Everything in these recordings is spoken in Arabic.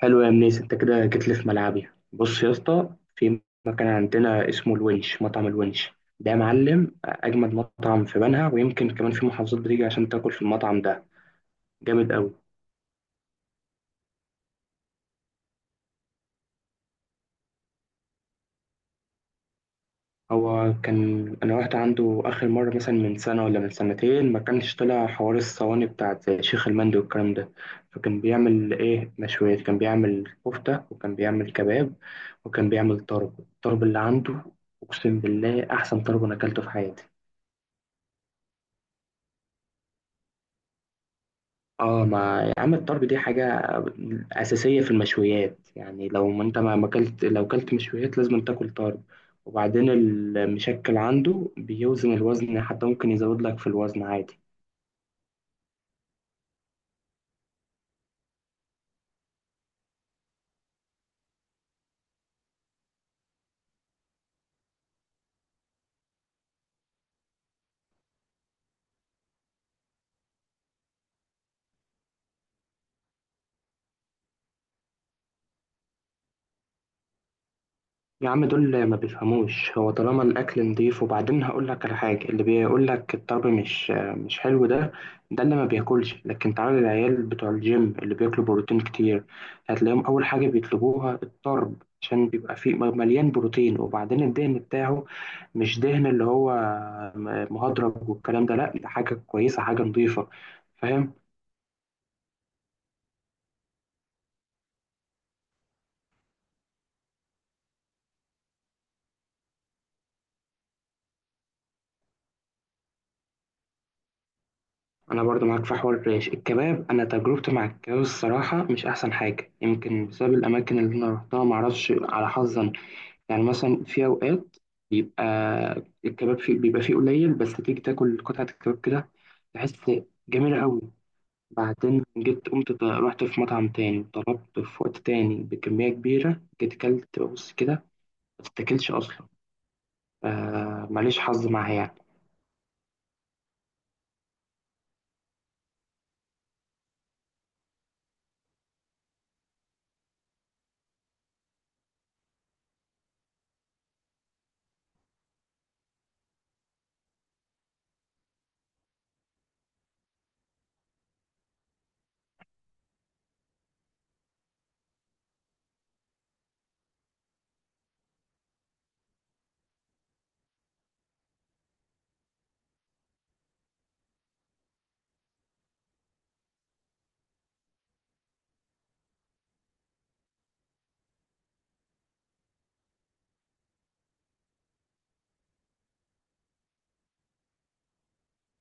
حلو يا منيس، انت كده جيت لي في ملعبي. بص يا اسطى، في مكان عندنا اسمه الونش، مطعم الونش ده يا معلم اجمد مطعم في بنها، ويمكن كمان في محافظات بتيجي عشان تاكل في المطعم ده. جامد قوي. هو كان انا رحت عنده اخر مره مثلا من سنه ولا من سنتين، ما كانش طلع حوار الصواني بتاعت زي شيخ المندي والكلام ده. فكان بيعمل ايه؟ مشويات. كان بيعمل كفته وكان بيعمل كباب وكان بيعمل طرب. الطرب اللي عنده اقسم بالله احسن طرب انا اكلته في حياتي. اه ما يا عم، الطرب دي حاجة أساسية في المشويات. يعني لو ما انت ما ما اكلت لو اكلت مشويات لازم تاكل طرب. وبعدين المشكل عنده بيوزن الوزن، حتى ممكن يزود لك في الوزن عادي. يا عم دول ما بيفهموش. هو طالما الاكل نضيف. وبعدين هقول لك على حاجه، اللي بيقول لك الطرب مش حلو ده، ده اللي ما بياكلش. لكن تعالى العيال بتوع الجيم اللي بياكلوا بروتين كتير، هتلاقيهم اول حاجه بيطلبوها الطرب، عشان بيبقى فيه مليان بروتين. وبعدين الدهن بتاعه مش دهن اللي هو مهدرج والكلام ده، لا ده حاجه كويسه، حاجه نضيفه. فاهم؟ انا برضو معاك في حوار الريش الكباب. انا تجربتي مع الكباب الصراحه مش احسن حاجه، يمكن بسبب الاماكن اللي انا رحتها، ما اعرفش على حظا. يعني مثلا في اوقات بيبقى الكباب فيه بيبقى فيه قليل، بس تيجي تاكل قطعه الكباب كده تحس جميله قوي. بعدين جيت قمت رحت في مطعم تاني، طلبت في وقت تاني بكميه كبيره، جيت اكلت بص كده ما تتاكلش اصلا. ماليش حظ معاها يعني.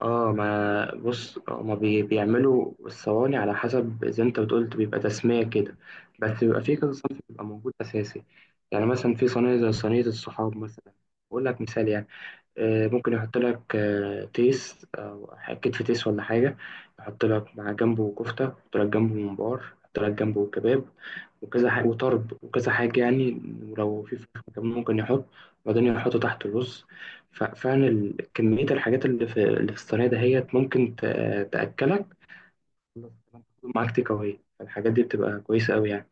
اه ما بص، هما بيعملوا الصواني على حسب، زي انت بتقول بيبقى تسمية كده، بس بيبقى في كذا صنف بيبقى موجود أساسي. يعني مثلا في صينية زي صينية الصحاب مثلا، أقول لك مثال يعني. ممكن يحط لك تيس او كتف تيس ولا حاجه، يحط لك مع جنبه كفته، يحط لك جنبه ممبار، يحط لك جنبه كباب وكذا حاجه، وطرب وكذا حاجه يعني. ولو في فراخ كمان ممكن يحط. وبعدين يحط تحت الرز. فعلا كميه الحاجات اللي في الصينيه دهيت ممكن تاكلك معاك تيك اواي. الحاجات دي بتبقى كويسه قوي يعني.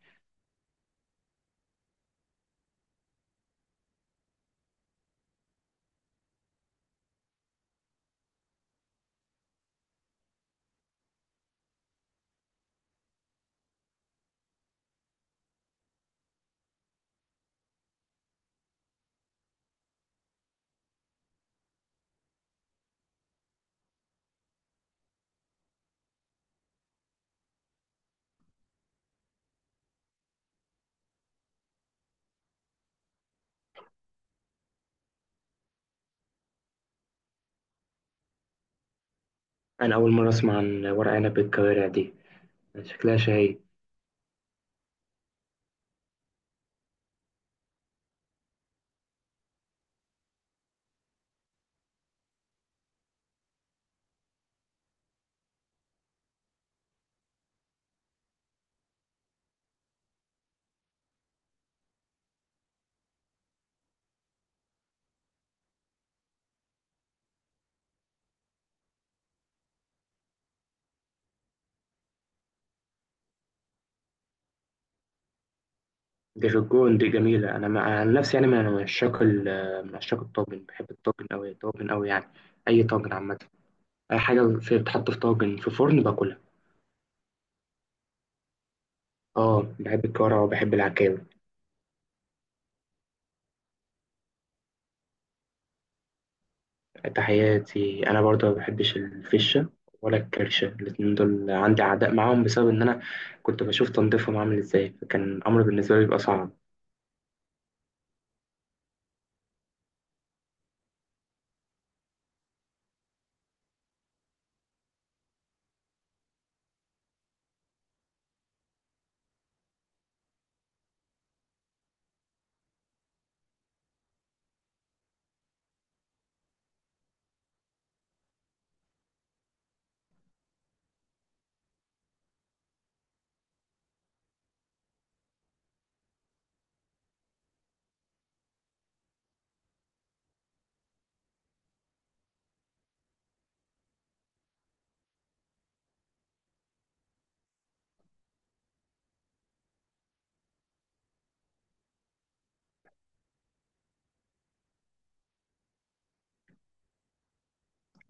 انا اول مره اسمع عن ورق عنب بالكوارع دي. شكلها شهيه. دي في الجون، دي جميلة. أنا عن نفسي يعني من عشاق من عشاق الطاجن، بحب الطاجن أوي، الطاجن أوي يعني. أي طاجن عامة، أي حاجة في بتحط في طاجن في فرن باكلها. أه بحب الكرة وبحب العكاوي. تحياتي، أنا برضه ما بحبش الفشة ولا الكرشة، الاتنين دول عندي عداء معاهم، بسبب إن أنا كنت بشوف تنظيفهم عامل إزاي، فكان الأمر بالنسبة لي بيبقى صعب.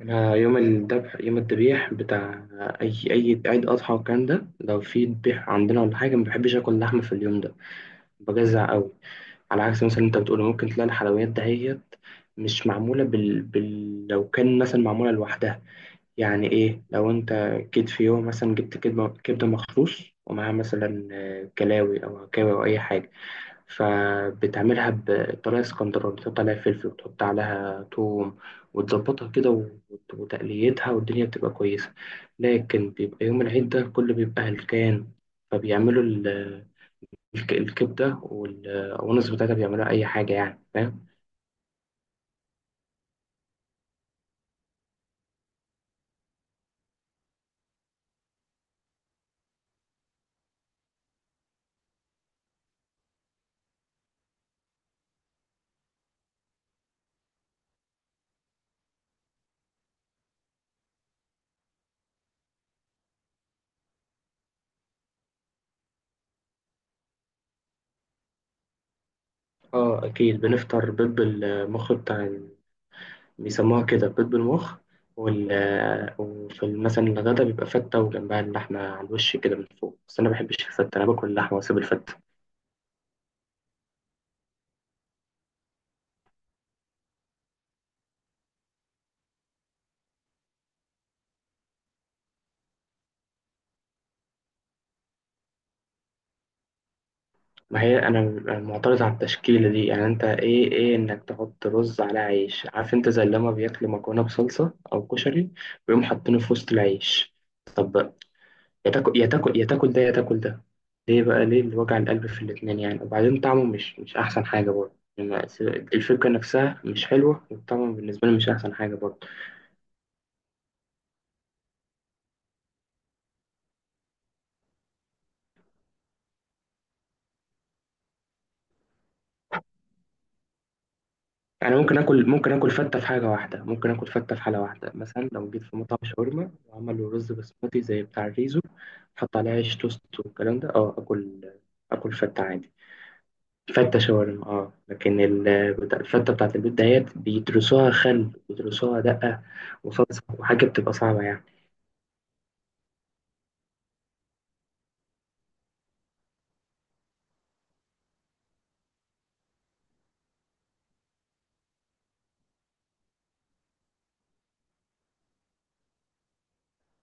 أنا يوم الذبح، يوم الذبيح بتاع أي عيد أضحى والكلام ده، لو في ذبيح عندنا ولا حاجة ما بحبش آكل لحمة في اليوم ده. بجزع قوي. على عكس مثلا انت بتقول ممكن تلاقي الحلويات دهيت مش معمولة لو كان مثلا معمولة لوحدها. يعني ايه؟ لو انت كيد في يوم مثلا جبت كبدة، كبدة مخروص ومعاها مثلا كلاوي او عكاوي او اي حاجة، فبتعملها بطريقة اسكندراني، تحط عليها فلفل وتحط عليها توم وتظبطها كده وتقليتها، والدنيا بتبقى كويسة. لكن بيبقى يوم العيد ده كله بيبقى هلكان، فبيعملوا الكبدة والأونس بتاعتها بيعملوها أي حاجة يعني. فاهم؟ آه أكيد بنفطر بيض بالمخ بتاع بيسموها كده بيض بالمخ وال... وفي مثلا الغدا بيبقى فتة وجنبها اللحمة على الوش كده من فوق، بس أنا ما بحبش الفتة، أنا باكل اللحمة وأسيب الفتة. ما هي أنا معترض على التشكيلة دي. يعني أنت إيه إنك تحط رز على عيش، عارف أنت زي لما بياكلوا مكرونة بصلصة أو كشري، ويقوم حاطينه في وسط العيش. طب يا تاكل، يا تاكل يا تاكل ده يا تاكل ده. ليه بقى؟ ليه الوجع القلب في الاتنين يعني؟ وبعدين طعمه مش أحسن حاجة برضه يعني. الفكرة نفسها مش حلوة، والطعم بالنسبة لي مش أحسن حاجة برضه. يعني ممكن آكل فتة في حالة واحدة، مثلا لو جيت في مطعم شاورما وعملوا رز بسمتي زي بتاع الريزو، حط عليه عيش توست والكلام ده، اه آكل. آكل فتة عادي، فتة شاورما اه. لكن الفتة بتاعت البيت ديت بيدرسوها خل بيدرسوها دقة وصلصة وحاجة، بتبقى صعبة يعني.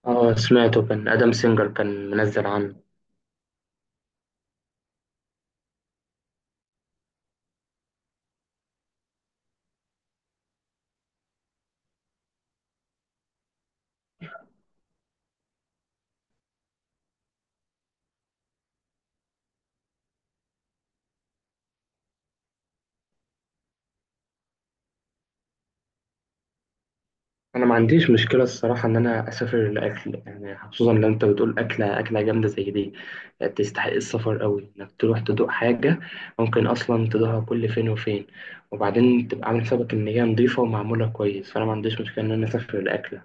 اه سمعته، كان ادم سينجر كان منزل عنه. انا ما عنديش مشكله الصراحه ان انا اسافر لاكل، يعني خصوصا لو انت بتقول اكله اكله جامده زي دي، يعني تستحق السفر قوي انك تروح تدوق حاجه ممكن اصلا تدوقها كل فين وفين. وبعدين تبقى عامل حسابك ان هي نظيفه ومعموله كويس، فانا ما عنديش مشكله ان انا اسافر لاكله.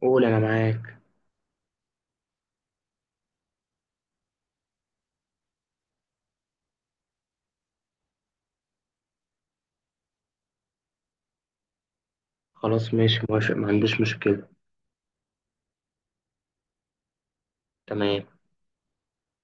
قول انا معاك. خلاص ماشي، موافق، ما عنديش مشكله. تمام.